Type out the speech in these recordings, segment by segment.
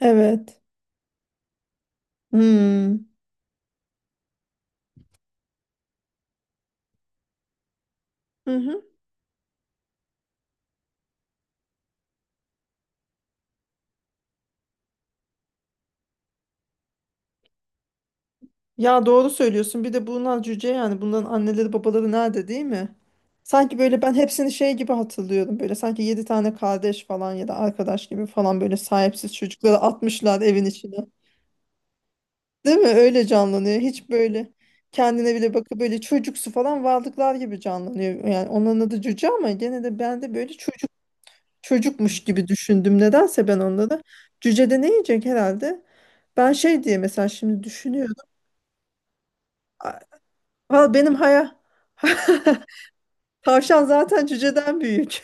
Evet. Hmm. Hı hı. Ya doğru söylüyorsun. Bir de bunlar cüce yani. Bunların anneleri babaları nerede değil mi? Sanki böyle ben hepsini şey gibi hatırlıyorum. Böyle sanki yedi tane kardeş falan ya da arkadaş gibi falan böyle sahipsiz çocukları atmışlar evin içine. Değil mi? Öyle canlanıyor. Hiç böyle kendine bile bakıp böyle çocuksu falan varlıklar gibi canlanıyor. Yani onların adı cüce ama gene de ben de böyle çocukmuş gibi düşündüm. Nedense ben onları. Cüce de ne yiyecek herhalde? Ben şey diye mesela şimdi düşünüyorum. Valla benim haya tavşan zaten cüceden büyük.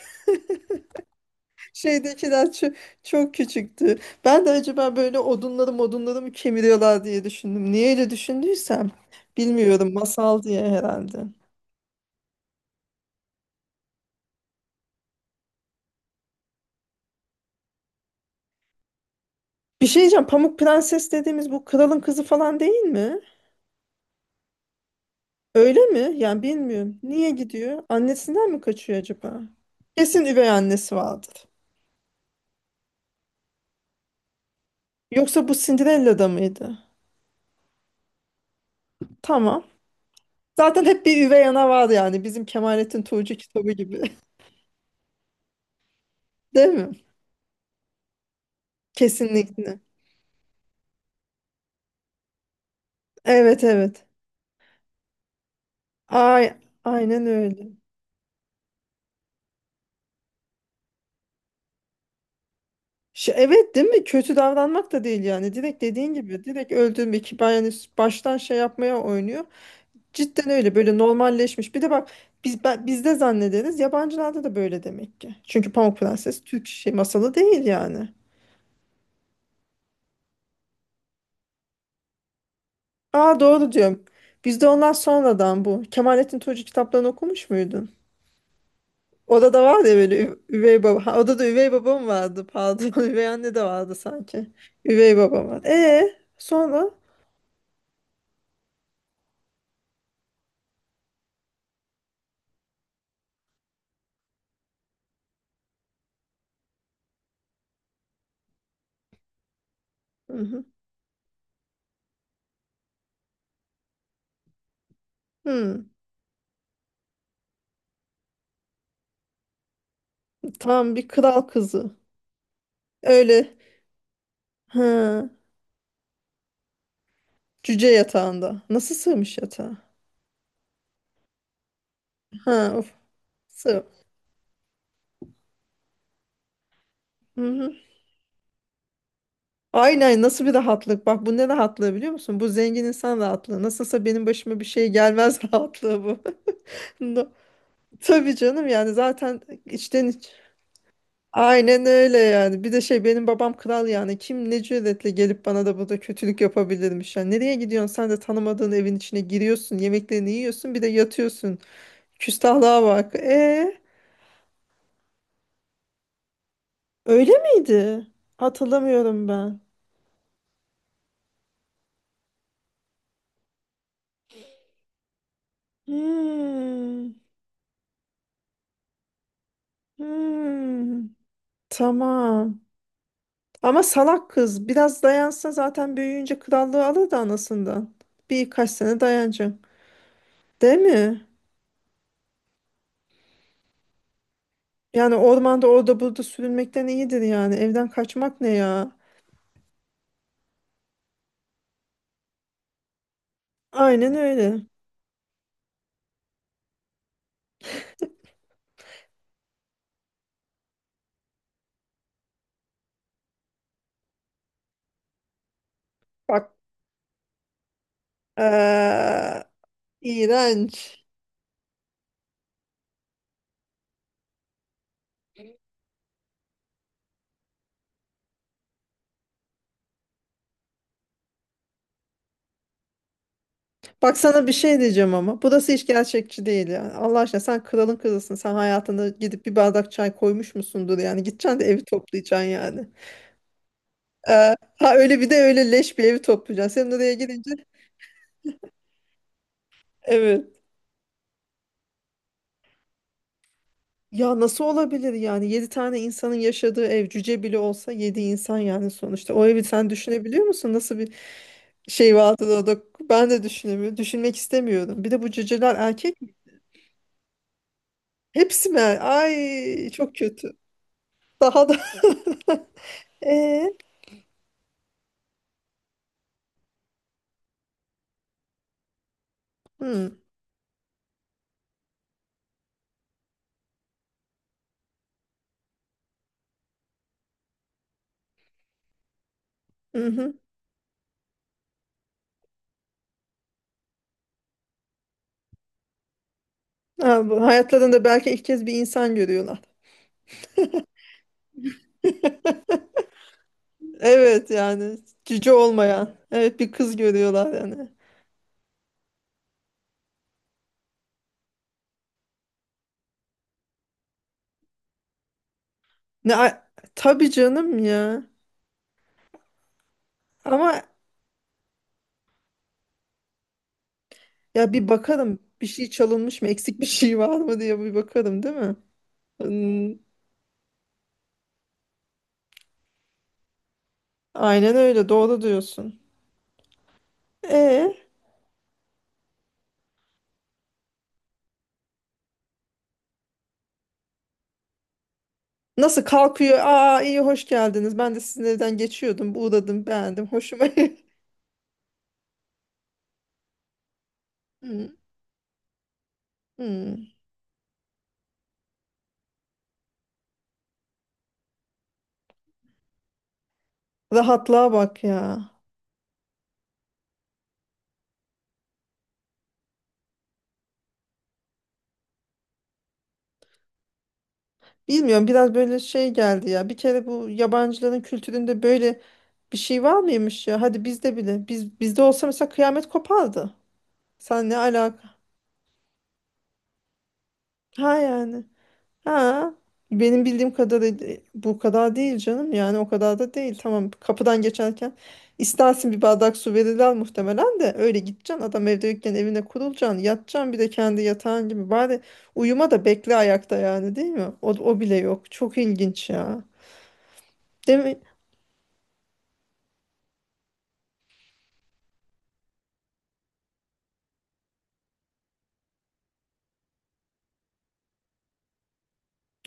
Şeydekiler çok küçüktü. Ben de acaba böyle odunları modunları mı kemiriyorlar diye düşündüm. Niye öyle düşündüysem bilmiyorum masal diye herhalde. Bir şey diyeceğim, Pamuk Prenses dediğimiz bu kralın kızı falan değil mi? Öyle mi? Yani bilmiyorum. Niye gidiyor? Annesinden mi kaçıyor acaba? Kesin üvey annesi vardır. Yoksa bu Cinderella'da mıydı? Tamam. Zaten hep bir üvey ana vardı yani. Bizim Kemalettin Tuğcu kitabı gibi. Değil mi? Kesinlikle. Evet, evet. Ay, aynen öyle. Şu, evet değil mi? Kötü davranmak da değil yani. Direkt dediğin gibi direkt öldürme ki ben yani baştan şey yapmaya oynuyor. Cidden öyle böyle normalleşmiş. Bir de bak bizde zannederiz yabancılarda da böyle demek ki. Çünkü Pamuk Prenses Türk şey masalı değil yani. Aa doğru diyorum. Bizde ondan sonradan bu. Kemalettin Tuğcu kitaplarını okumuş muydun? Orada var ya böyle üvey baba. Ha, orada da üvey babam vardı, pardon. Üvey anne de vardı sanki. Üvey babam vardı. E sonra? Hı hı. Hı. Tam bir kral kızı. Öyle. Ha. Cüce yatağında. Nasıl sığmış yatağa? Ha, of. Sığ. Hı hı. Aynen, nasıl bir rahatlık. Bak bu ne rahatlığı biliyor musun? Bu zengin insan rahatlığı. Nasılsa benim başıma bir şey gelmez rahatlığı bu. No. Tabii canım yani zaten içten iç. Aynen öyle yani. Bir de şey, benim babam kral yani. Kim ne cüretle gelip bana da burada kötülük yapabilirmiş. Yani nereye gidiyorsun? Sen de tanımadığın evin içine giriyorsun. Yemeklerini yiyorsun. Bir de yatıyorsun. Küstahlığa bak. E öyle miydi? Hatırlamıyorum ben. Hmm, hmm. Tamam. Ama salak kız. Biraz dayansa zaten büyüyünce krallığı alır da anasından. Birkaç sene dayanacak. Değil mi? Yani ormanda orada burada sürünmekten iyidir yani. Evden kaçmak ne ya? Aynen öyle. Bak, eee, iğrenç. Bak sana bir şey diyeceğim ama. Burası hiç gerçekçi değil yani. Allah aşkına sen kralın kızısın. Sen hayatında gidip bir bardak çay koymuş musundur yani. Gideceksin de evi toplayacaksın yani. Ha öyle, bir de öyle leş bir evi toplayacaksın. Sen oraya gidince, evet. Ya nasıl olabilir yani, 7 tane insanın yaşadığı ev, cüce bile olsa 7 insan yani sonuçta. O evi sen düşünebiliyor musun? Nasıl bir şey vardı orada? Ben de düşünemiyorum. Düşünmek istemiyorum. Bir de bu cüceler erkek mi? Hepsi mi? Ay çok kötü. Daha da. Ee? Hı, hı hı. Ha, bu hayatlarında belki ilk kez bir insan görüyorlar. Evet yani, cüce olmayan. Evet bir kız görüyorlar yani. Ne, tabii canım ya. Ama Ya bir bakarım, bir şey çalınmış mı, eksik bir şey var mı diye bir bakarım değil mi? Hmm, aynen öyle, doğru diyorsun. E nasıl kalkıyor? Aa iyi hoş geldiniz. Ben de sizin evden geçiyordum. Uğradım, beğendim. Hoşuma. Hmm, hmm. Rahatlığa bak ya. Bilmiyorum, biraz böyle şey geldi ya. Bir kere bu yabancıların kültüründe böyle bir şey var mıymış ya? Hadi bizde bile. Biz bizde olsa mesela kıyamet kopardı. Sen ne alaka? Ha yani. Ha, benim bildiğim kadarıyla bu kadar değil canım. Yani o kadar da değil. Tamam, kapıdan geçerken istersin bir bardak su verirler muhtemelen de öyle gideceksin. Adam evde yokken evine kurulacaksın. Yatacaksın bir de kendi yatağın gibi. Bari uyuma da bekle ayakta yani, değil mi? O, o bile yok. Çok ilginç ya. Değil mi?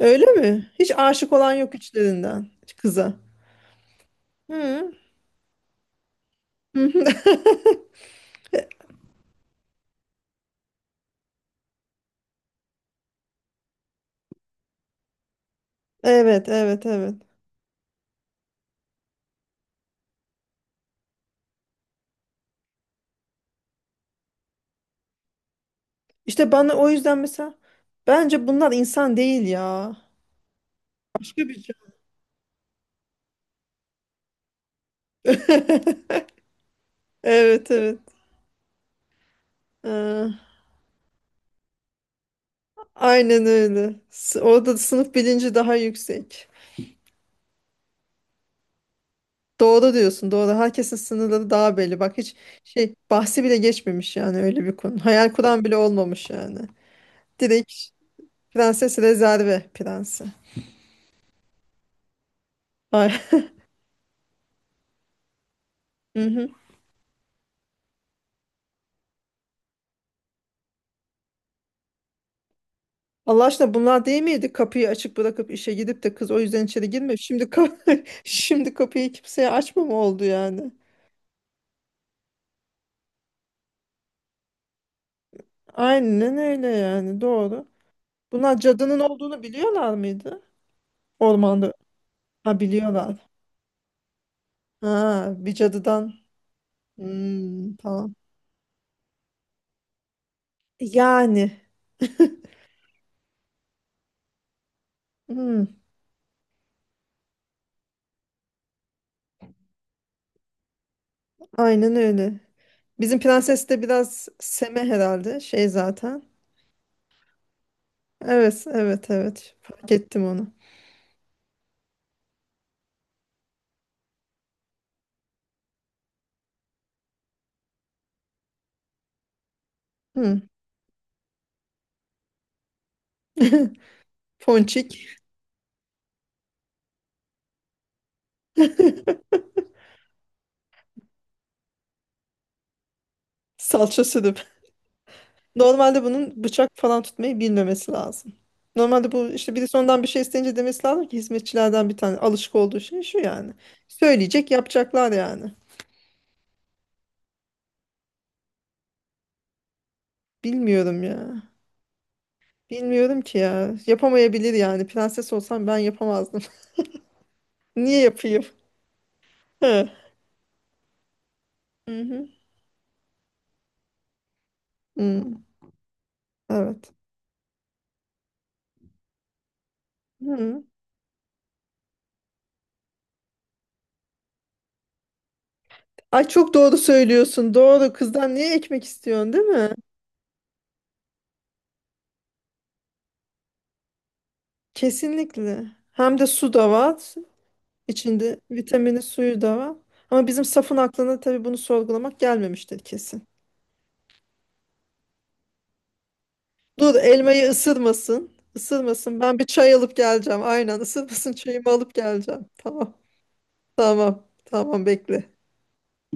Öyle mi? Hiç aşık olan yok içlerinden kıza. Hı. Evet, evet, evet. İşte bana o yüzden mesela bence bunlar insan değil ya. Başka bir şey. Evet, evet. Ee, aynen öyle. Orada da sınıf bilinci daha yüksek. Doğru diyorsun, doğru. Herkesin sınırları daha belli. Bak hiç şey bahsi bile geçmemiş yani öyle bir konu. Hayal kuran bile olmamış yani. Direkt prenses rezerve prensi. Ay. Hı hı. Allah aşkına bunlar değil miydi? Kapıyı açık bırakıp işe gidip de kız o yüzden içeri girme. Şimdi kapı, şimdi kapıyı kimseye açma mı oldu yani? Aynen öyle yani, doğru. Bunlar cadının olduğunu biliyorlar mıydı? Ormanda. Ha biliyorlar. Ha bir cadıdan. Hmm, tamam. Yani. Hmm, aynen öyle. Bizim prenses de biraz seme herhalde. Şey zaten. Evet, evet, evet. Fark ettim onu. Hmm. Ponçik. Salça sürüp. Normalde bunun bıçak falan tutmayı bilmemesi lazım. Normalde bu işte birisi ondan bir şey isteyince demesi lazım ki, hizmetçilerden bir tane alışık olduğu şey şu yani. Söyleyecek yapacaklar yani. Bilmiyorum ya. Bilmiyorum ki ya. Yapamayabilir yani. Prenses olsam ben yapamazdım. Niye yapayım? Hı. Hı-hı. Hı. Hı. Evet. Hı. Ay çok doğru söylüyorsun. Doğru. Kızdan niye ekmek istiyorsun, değil mi? Kesinlikle. Hem de su da var. İçinde vitamini suyu da var. Ama bizim safın aklına tabii bunu sorgulamak gelmemiştir kesin. Dur elmayı ısırmasın. Isırmasın. Ben bir çay alıp geleceğim. Aynen ısırmasın, çayımı alıp geleceğim. Tamam. Tamam. Tamam bekle.